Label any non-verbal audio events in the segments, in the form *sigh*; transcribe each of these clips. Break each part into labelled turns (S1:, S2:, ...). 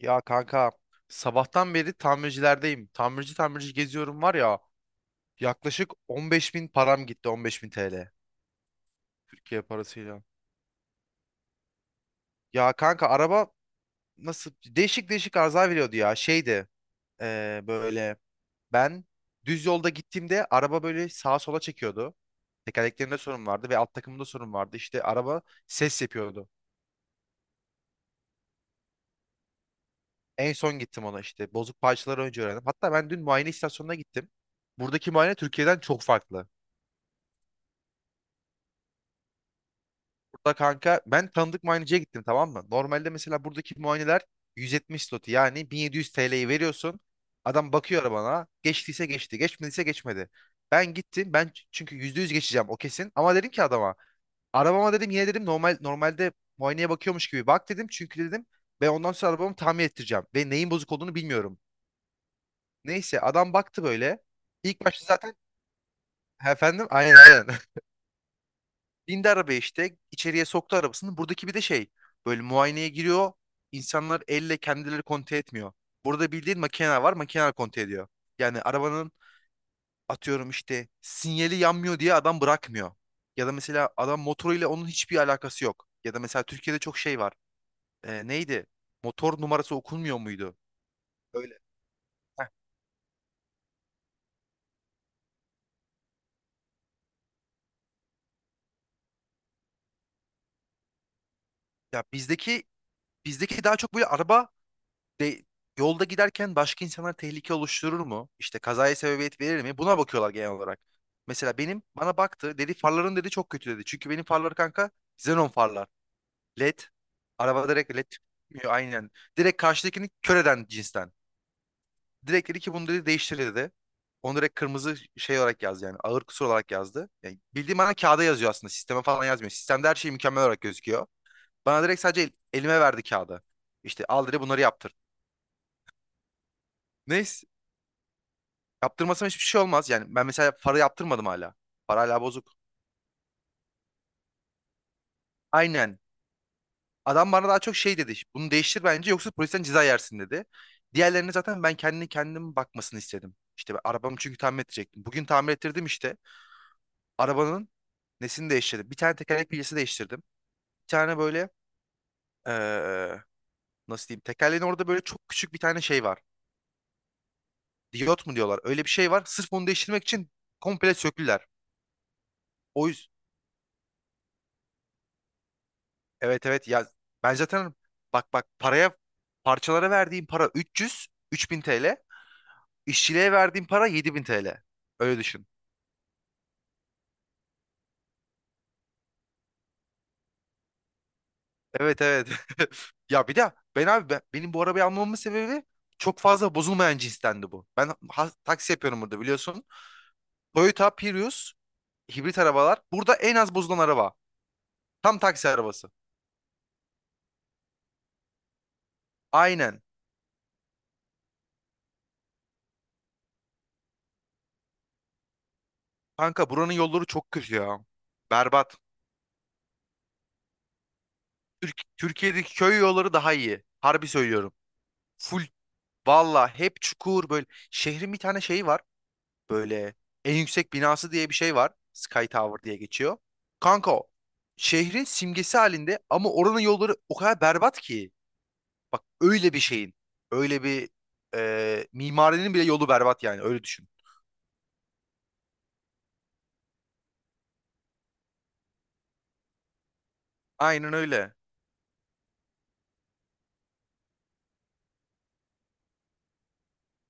S1: Ya kanka sabahtan beri tamircilerdeyim. Tamirci tamirci geziyorum var ya, yaklaşık 15 bin param gitti, 15 bin TL. Türkiye parasıyla. Ya kanka, araba nasıl değişik değişik arıza veriyordu ya, şeydi, böyle ben düz yolda gittiğimde araba böyle sağa sola çekiyordu. Tekerleklerinde sorun vardı ve alt takımında sorun vardı. İşte araba ses yapıyordu. En son gittim ona, işte bozuk parçaları önce öğrendim. Hatta ben dün muayene istasyonuna gittim. Buradaki muayene Türkiye'den çok farklı. Da kanka, ben tanıdık muayeneciye gittim, tamam mı? Normalde mesela buradaki muayeneler 170 zloty, yani 1.700 TL'yi veriyorsun. Adam bakıyor arabana. Geçtiyse geçti, geçmediyse geçmedi. Ben gittim. Çünkü %100 geçeceğim, o kesin. Ama dedim ki adama, arabama dedim, yine dedim, normalde muayeneye bakıyormuş gibi bak dedim. Çünkü dedim, ben ondan sonra arabamı tamir ettireceğim ve neyin bozuk olduğunu bilmiyorum. Neyse adam baktı böyle. İlk başta zaten efendim, aynen aynen. Bindi arabaya, işte içeriye soktu arabasını. Buradaki bir de şey, böyle muayeneye giriyor. İnsanlar elle kendileri kontrol etmiyor. Burada bildiğin makine var, makine kontrol ediyor. Yani arabanın, atıyorum işte sinyali yanmıyor diye adam bırakmıyor. Ya da mesela adam motoruyla onun hiçbir alakası yok. Ya da mesela Türkiye'de çok şey var. Neydi? Motor numarası okunmuyor muydu? Öyle. Heh. Ya bizdeki daha çok böyle araba de, yolda giderken başka insanlara tehlike oluşturur mu? İşte kazaya sebebiyet verir mi? Buna bakıyorlar genel olarak. Mesela benim, bana baktı dedi, farların dedi çok kötü dedi. Çünkü benim farlar kanka xenon farlar. LED. Araba direkt LED çıkmıyor aynen. Direkt karşıdakini kör eden cinsten. Direkt dedi ki, bunu dedi değiştir dedi. Onu direkt kırmızı şey olarak yazdı, yani ağır kusur olarak yazdı. Yani bildiğim, bana kağıda yazıyor aslında, sisteme falan yazmıyor. Sistemde her şey mükemmel olarak gözüküyor. Bana direkt sadece elime verdi kağıdı. İşte al dedi, bunları yaptır. Neyse. Yaptırmasam hiçbir şey olmaz. Yani ben mesela para yaptırmadım hala. Para hala bozuk. Aynen. Adam bana daha çok şey dedi. Bunu değiştir bence, yoksa polisten ceza yersin dedi. Diğerlerine zaten ben kendini kendim bakmasını istedim. İşte ben arabamı çünkü tamir edecektim. Bugün tamir ettirdim işte. Arabanın nesini değiştirdim. Bir tane tekerlek bilyesi değiştirdim. Bir tane böyle, eee, nasıl diyeyim, tekerleğin orada böyle çok küçük bir tane şey var. Diyot mu diyorlar. Öyle bir şey var. Sırf onu değiştirmek için komple söküler. O, yüz- Evet evet ya, ben zaten, bak bak paraya, parçalara verdiğim para 3.000 TL, işçiliğe verdiğim para 7.000 TL, öyle düşün. Evet evet. *laughs* ya bir de ben abi, benim bu arabayı almamın sebebi çok fazla bozulmayan cinstendi bu. Ben taksi yapıyorum burada, biliyorsun. Toyota Prius hibrit arabalar burada en az bozulan araba, tam taksi arabası. Aynen. Kanka buranın yolları çok kötü ya, berbat. Türkiye'deki köy yolları daha iyi, harbi söylüyorum. Full Valla hep çukur böyle. Şehrin bir tane şeyi var. Böyle en yüksek binası diye bir şey var. Sky Tower diye geçiyor. Kanka o. Şehrin simgesi halinde ama oranın yolları o kadar berbat ki. Bak öyle bir şeyin. Öyle bir, mimarinin bile yolu berbat, yani öyle düşün. Aynen öyle.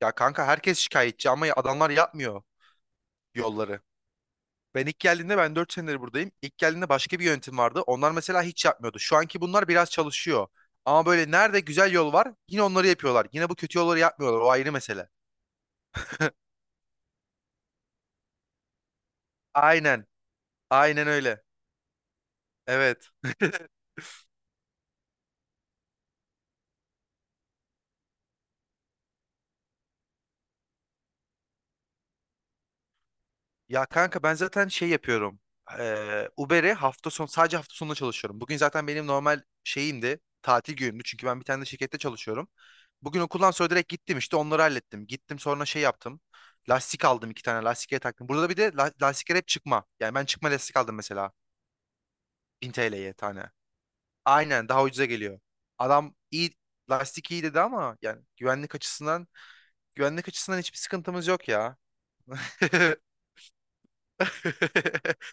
S1: Ya kanka herkes şikayetçi ama adamlar yapmıyor yolları. Ben ilk geldiğinde ben 4 senedir buradayım. İlk geldiğinde başka bir yönetim vardı. Onlar mesela hiç yapmıyordu. Şu anki bunlar biraz çalışıyor. Ama böyle nerede güzel yol var yine onları yapıyorlar. Yine bu kötü yolları yapmıyorlar. O ayrı mesele. Aynen. Aynen öyle. Evet. *laughs* Ya kanka ben zaten şey yapıyorum. Uber'e hafta sonu, sadece hafta sonunda çalışıyorum. Bugün zaten benim normal şeyimdi. Tatil günümdü. Çünkü ben bir tane de şirkette çalışıyorum. Bugün okuldan sonra direkt gittim, işte onları hallettim. Gittim sonra şey yaptım. Lastik aldım, iki tane lastiklere taktım. Burada bir de lastikler hep çıkma. Yani ben çıkma lastik aldım mesela. 1.000 TL'ye tane. Aynen daha ucuza geliyor. Adam iyi lastik iyi dedi ama yani güvenlik açısından hiçbir sıkıntımız yok ya. *laughs*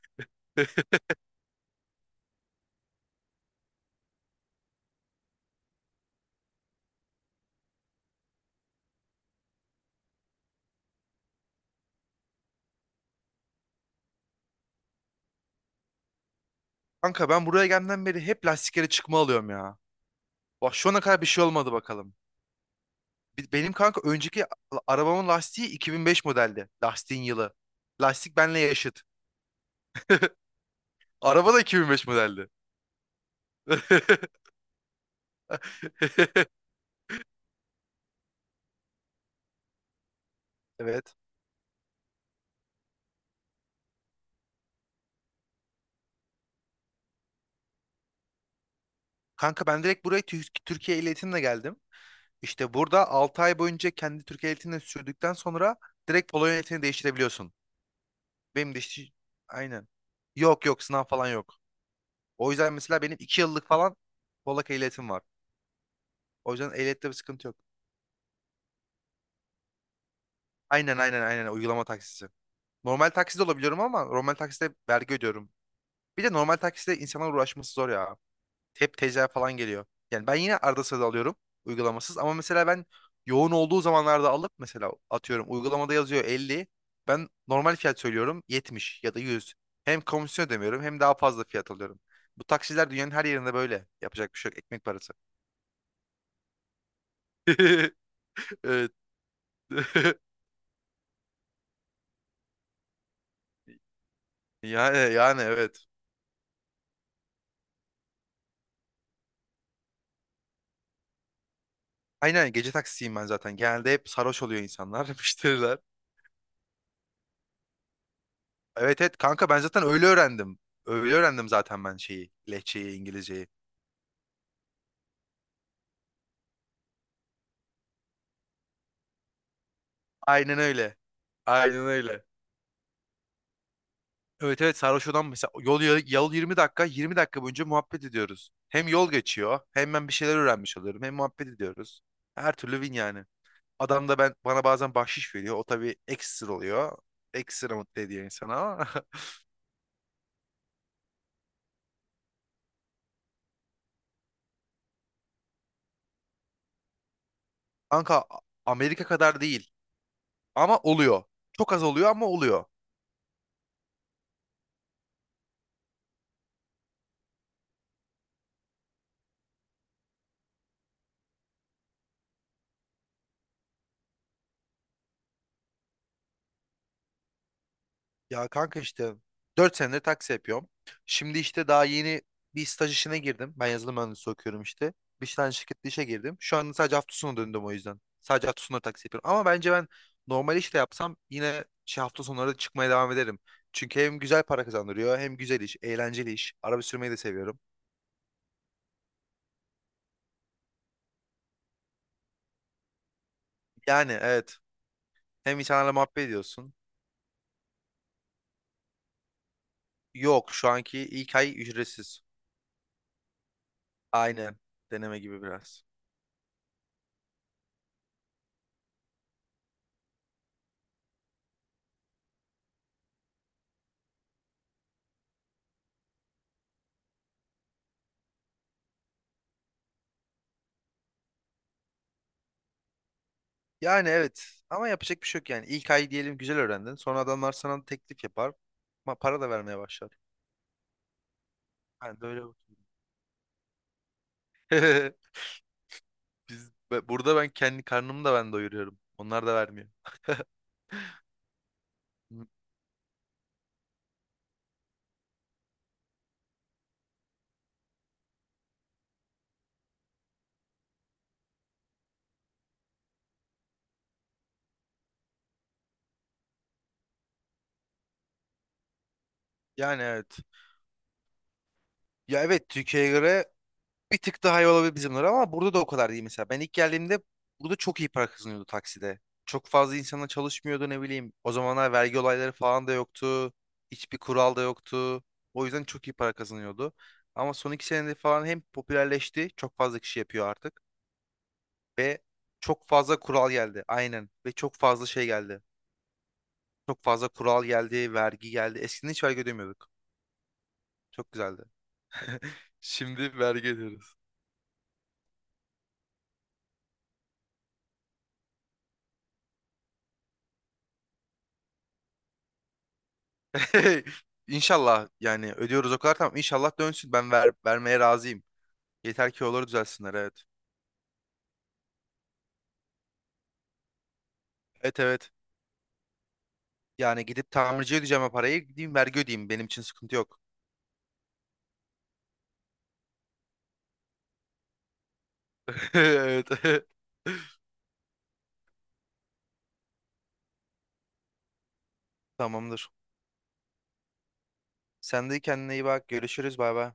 S1: Kanka ben buraya gelmeden beri hep lastiklere çıkma alıyorum ya. Bak şu ana kadar bir şey olmadı bakalım. Benim kanka önceki arabamın lastiği 2005 modeldi. Lastiğin yılı. Lastik benle yaşıt. Araba da 2005 modeldi. *laughs* Evet. Kanka ben direkt buraya Türkiye ehliyetimle geldim. İşte burada 6 ay boyunca kendi Türkiye ehliyetini sürdükten sonra direkt Polonya ehliyetini değiştirebiliyorsun. Benim de işte- aynen. Yok yok, sınav falan yok. O yüzden mesela benim 2 yıllık falan Polak ehliyetim var. O yüzden ehliyette bir sıkıntı yok. Aynen aynen aynen, uygulama taksisi. Normal takside olabiliyorum ama normal takside vergi ödüyorum. Bir de normal takside insanlar uğraşması zor ya. Hep teyzeler falan geliyor. Yani ben yine arada sırada alıyorum uygulamasız ama mesela ben yoğun olduğu zamanlarda alıp mesela atıyorum uygulamada yazıyor 50. Ben normal fiyat söylüyorum 70 ya da 100. Hem komisyon ödemiyorum hem daha fazla fiyat alıyorum. Bu taksiciler dünyanın her yerinde böyle. Yapacak bir şey yok. Ekmek parası. *laughs* Evet. *laughs* Yani evet. Aynen gece taksisiyim ben zaten. Genelde hep sarhoş oluyor insanlar, *laughs* müşteriler. Evet evet kanka, ben zaten öyle öğrendim. Öyle öğrendim zaten ben şeyi, lehçeyi, İngilizceyi. Aynen öyle. Aynen öyle. Evet evet sarhoş olan mesela yol 20 dakika boyunca muhabbet ediyoruz. Hem yol geçiyor, hem ben bir şeyler öğrenmiş oluyorum, hem muhabbet ediyoruz. Her türlü win yani. Adam da bana bazen bahşiş veriyor. O tabii ekstra oluyor. Ekstra mutlu ediyor insanı ama. *laughs* Kanka, Amerika kadar değil ama oluyor. Çok az oluyor ama oluyor. Ya kanka işte 4 senedir taksi yapıyorum. Şimdi işte daha yeni bir staj işine girdim. Ben yazılım mühendisi okuyorum işte. Bir tane şirkette işe girdim. Şu anda sadece hafta sonu döndüm o yüzden. Sadece hafta sonları taksi yapıyorum. Ama bence ben normal işte yapsam yine şey, hafta sonları da çıkmaya devam ederim. Çünkü hem güzel para kazandırıyor, hem güzel iş, eğlenceli iş. Araba sürmeyi de seviyorum. Yani evet, hem insanlarla muhabbet ediyorsun. Yok, şu anki ilk ay ücretsiz. Aynen deneme gibi biraz. Yani evet, ama yapacak bir şey yok yani. İlk ay diyelim güzel öğrendin. Sonra adamlar sana teklif yapar. Ama para da vermeye başlar. Ben de öyle bakıyorum. *laughs* Burada ben kendi karnımı da ben doyuruyorum. Onlar da vermiyor. *laughs* Yani evet. Ya evet, Türkiye'ye göre bir tık daha iyi olabilir bizimler, ama burada da o kadar değil mesela. Ben ilk geldiğimde burada çok iyi para kazanıyordu takside. Çok fazla insana çalışmıyordu ne bileyim. O zamanlar vergi olayları falan da yoktu. Hiçbir kural da yoktu. O yüzden çok iyi para kazanıyordu. Ama son 2 senede falan hem popülerleşti. Çok fazla kişi yapıyor artık. Ve çok fazla kural geldi. Aynen. Ve çok fazla şey geldi. Çok fazla kural geldi, vergi geldi. Eskiden hiç vergi ödemiyorduk. Çok güzeldi. *laughs* Şimdi vergi ödüyoruz. *laughs* İnşallah yani, ödüyoruz o kadar tamam. inşallah dönsün. Ben vermeye razıyım. Yeter ki olur düzelsinler, evet. Evet evet. Yani gidip tamirciye ödeyeceğim o parayı, gideyim vergi ödeyeyim. Benim için sıkıntı yok. *laughs* Evet. *laughs* Tamamdır. Sen de kendine iyi bak. Görüşürüz. Bay bay.